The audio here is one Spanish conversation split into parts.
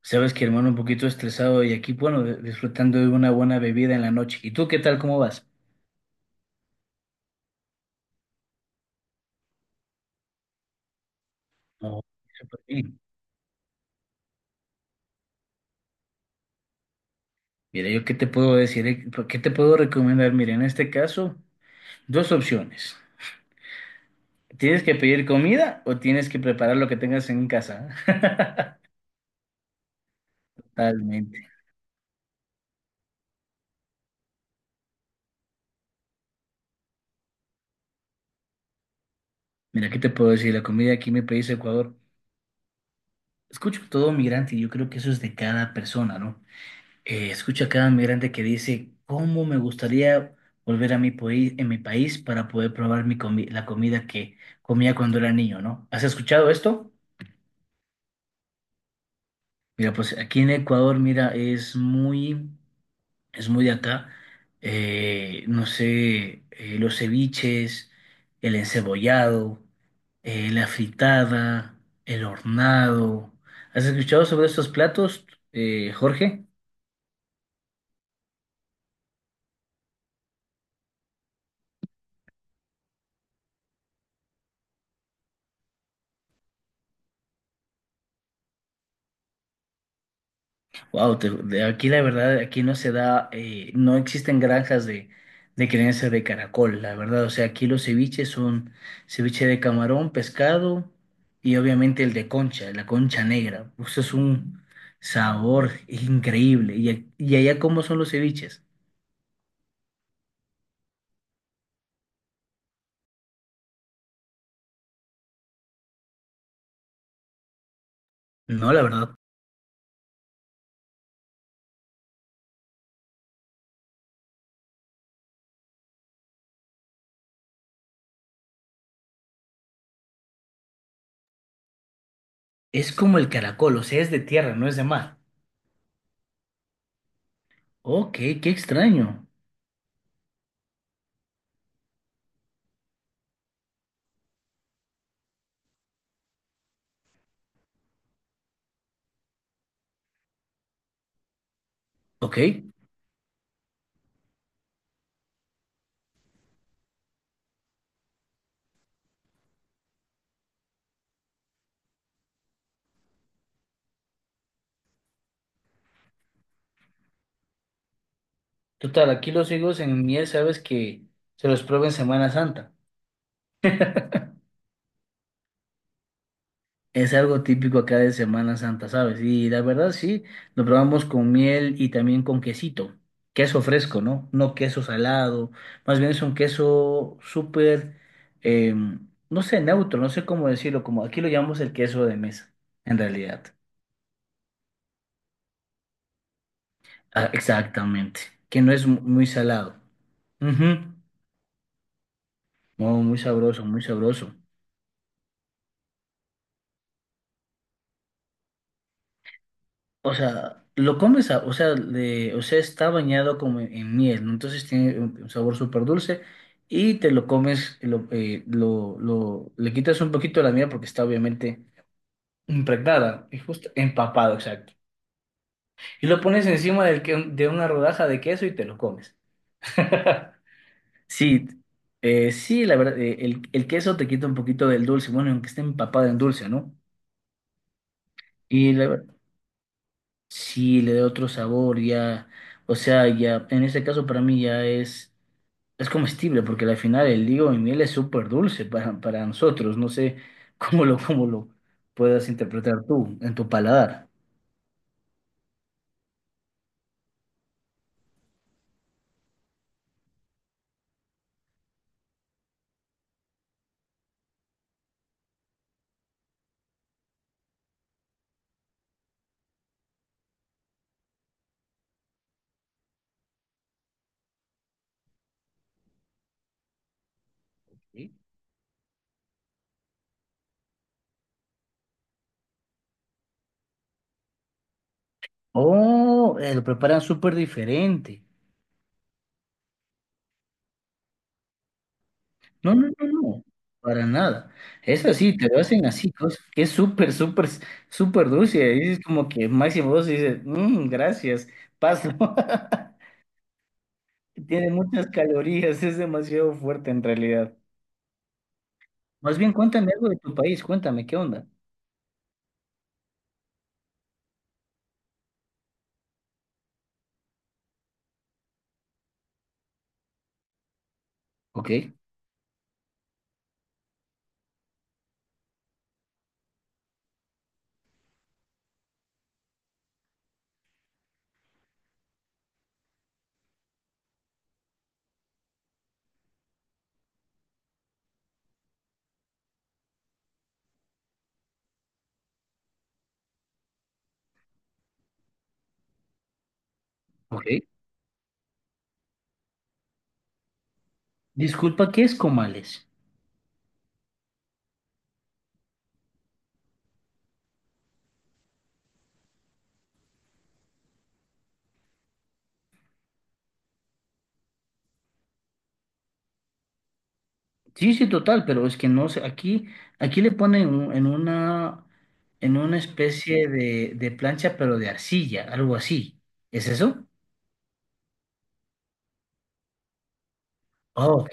Sabes que hermano, un poquito estresado y aquí, bueno, disfrutando de una buena bebida en la noche. ¿Y tú qué tal? ¿Cómo vas? No, súper bien. Mira, yo qué te puedo decir. Qué te puedo recomendar. Mira, en este caso, dos opciones. ¿Tienes que pedir comida o tienes que preparar lo que tengas en casa? Totalmente. Mira, ¿qué te puedo decir? La comida aquí en mi país, Ecuador, escucho todo migrante y yo creo que eso es de cada persona, ¿no? Escucho a cada migrante que dice, ¿cómo me gustaría volver a mi país, en mi país para poder probar la comida que comía cuando era niño, ¿no? ¿Has escuchado esto? Mira, pues aquí en Ecuador, mira, es muy de acá, no sé, los ceviches, el encebollado, la fritada, el hornado. ¿Has escuchado sobre estos platos, Jorge? Wow, de aquí la verdad, aquí no se da, no existen granjas de crianza de caracol, la verdad. O sea, aquí los ceviches son ceviche de camarón, pescado y obviamente el de concha, la concha negra. Eso es un sabor increíble. ¿Y, y allá cómo son los ceviches? No, la verdad. Es como el caracol, o sea, es de tierra, no es de mar. Ok, qué extraño. Ok. Total, aquí los higos en miel, sabes que se los prueba en Semana Santa. Es algo típico acá de Semana Santa, ¿sabes? Y la verdad sí, lo probamos con miel y también con quesito, queso fresco, ¿no? No queso salado, más bien es un queso súper, eh, no sé, neutro, no sé cómo decirlo, como aquí lo llamamos el queso de mesa, en realidad. Ah, exactamente, que no es muy salado. Ujú. No, muy sabroso, muy sabroso. O sea, lo comes, o sea, o sea, está bañado como en miel, ¿no? Entonces tiene un sabor súper dulce y te lo comes, le quitas un poquito la miel porque está obviamente impregnada, y justo empapado, exacto. Y lo pones encima de una rodaja de queso y te lo comes. Sí, sí, la verdad, el queso te quita un poquito del dulce, bueno, aunque esté empapado en dulce, ¿no? Y la, Sí, le da otro sabor, ya, o sea, ya, en este caso para mí ya es comestible, porque al final el higo y miel es súper dulce para nosotros, no sé cómo lo puedas interpretar tú en tu paladar. ¿Sí? Oh, lo preparan súper diferente. No, no, para nada. Es así, te lo hacen así, que es súper, súper, súper dulce, y dices como que máximo vos dices, "Mm, gracias, paso." Tiene muchas calorías, es demasiado fuerte en realidad. Más bien, cuéntame algo de tu país, cuéntame, ¿qué onda? Ok, ok. Disculpa, ¿qué es comales? Sí, sí, total, pero es que no sé, aquí, aquí en una especie de plancha, pero de arcilla, algo así. ¿Es eso? Ah, ok.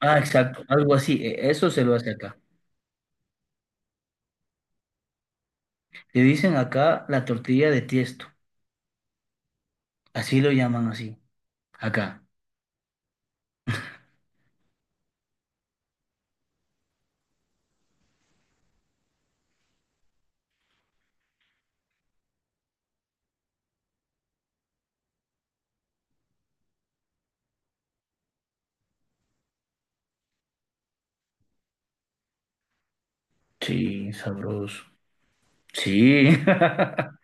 Ah, exacto, algo así, eso se lo hace acá. Le dicen acá la tortilla de tiesto, así lo llaman así, acá. Sí, sabroso. Sí.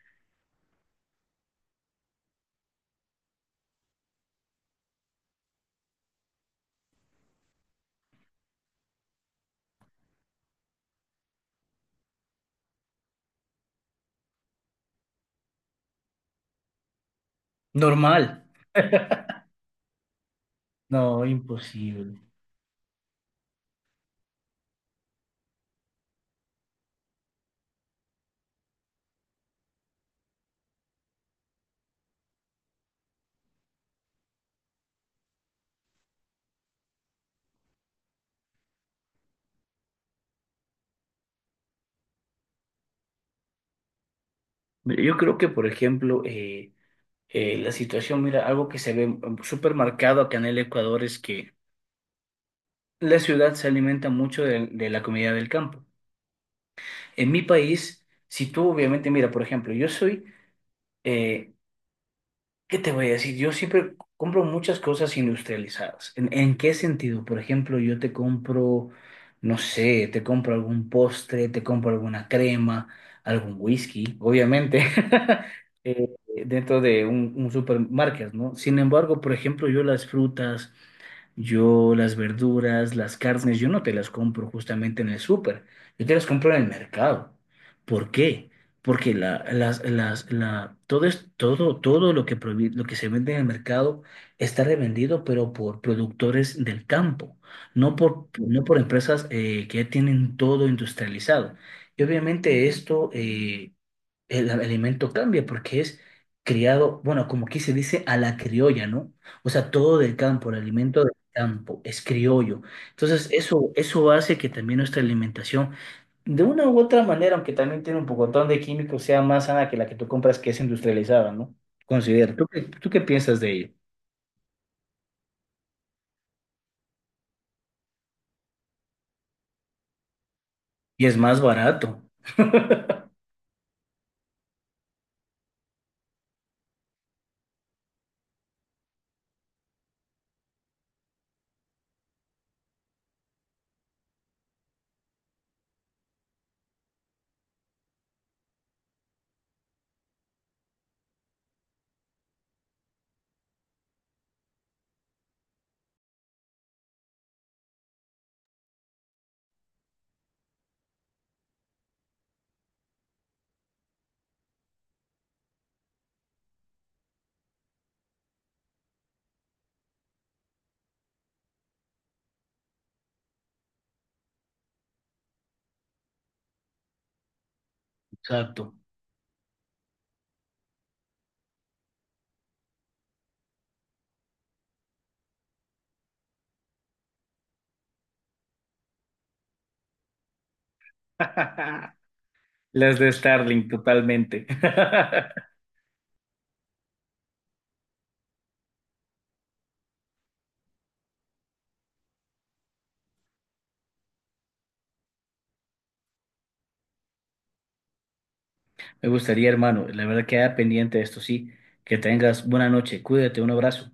Normal. No, imposible. Mira, yo creo que, por ejemplo, la situación, mira, algo que se ve súper marcado acá en el Ecuador es que la ciudad se alimenta mucho de la comida del campo. En mi país, si tú obviamente, mira, por ejemplo, yo soy, eh, ¿qué te voy a decir? Yo siempre compro muchas cosas industrializadas. En qué sentido? Por ejemplo, yo te compro, no sé, te compro algún postre, te compro alguna crema, algún whisky, obviamente, eh, dentro de un supermarket, ¿no? Sin embargo, por ejemplo, yo las frutas. Yo las verduras, las carnes, yo no te las compro justamente en el súper, yo te las compro en el mercado. ¿Por qué? Porque la, las, la, todo, es, todo, todo lo que, lo que se vende en el mercado está revendido, pero por productores del campo, no por, no por empresas que ya tienen todo industrializado. Y obviamente esto, el alimento cambia porque es criado, bueno, como aquí se dice, a la criolla, ¿no? O sea, todo del campo, el alimento campo, es criollo. Entonces, eso hace que también nuestra alimentación, de una u otra manera, aunque también tiene un pocotón de químicos, sea más sana que la que tú compras, que es industrializada, ¿no? Considero, tú qué piensas de ello? Y es más barato. Exacto. Las de Starlink, totalmente. Me gustaría, hermano, la verdad queda pendiente de esto, sí. Que tengas buena noche, cuídate, un abrazo.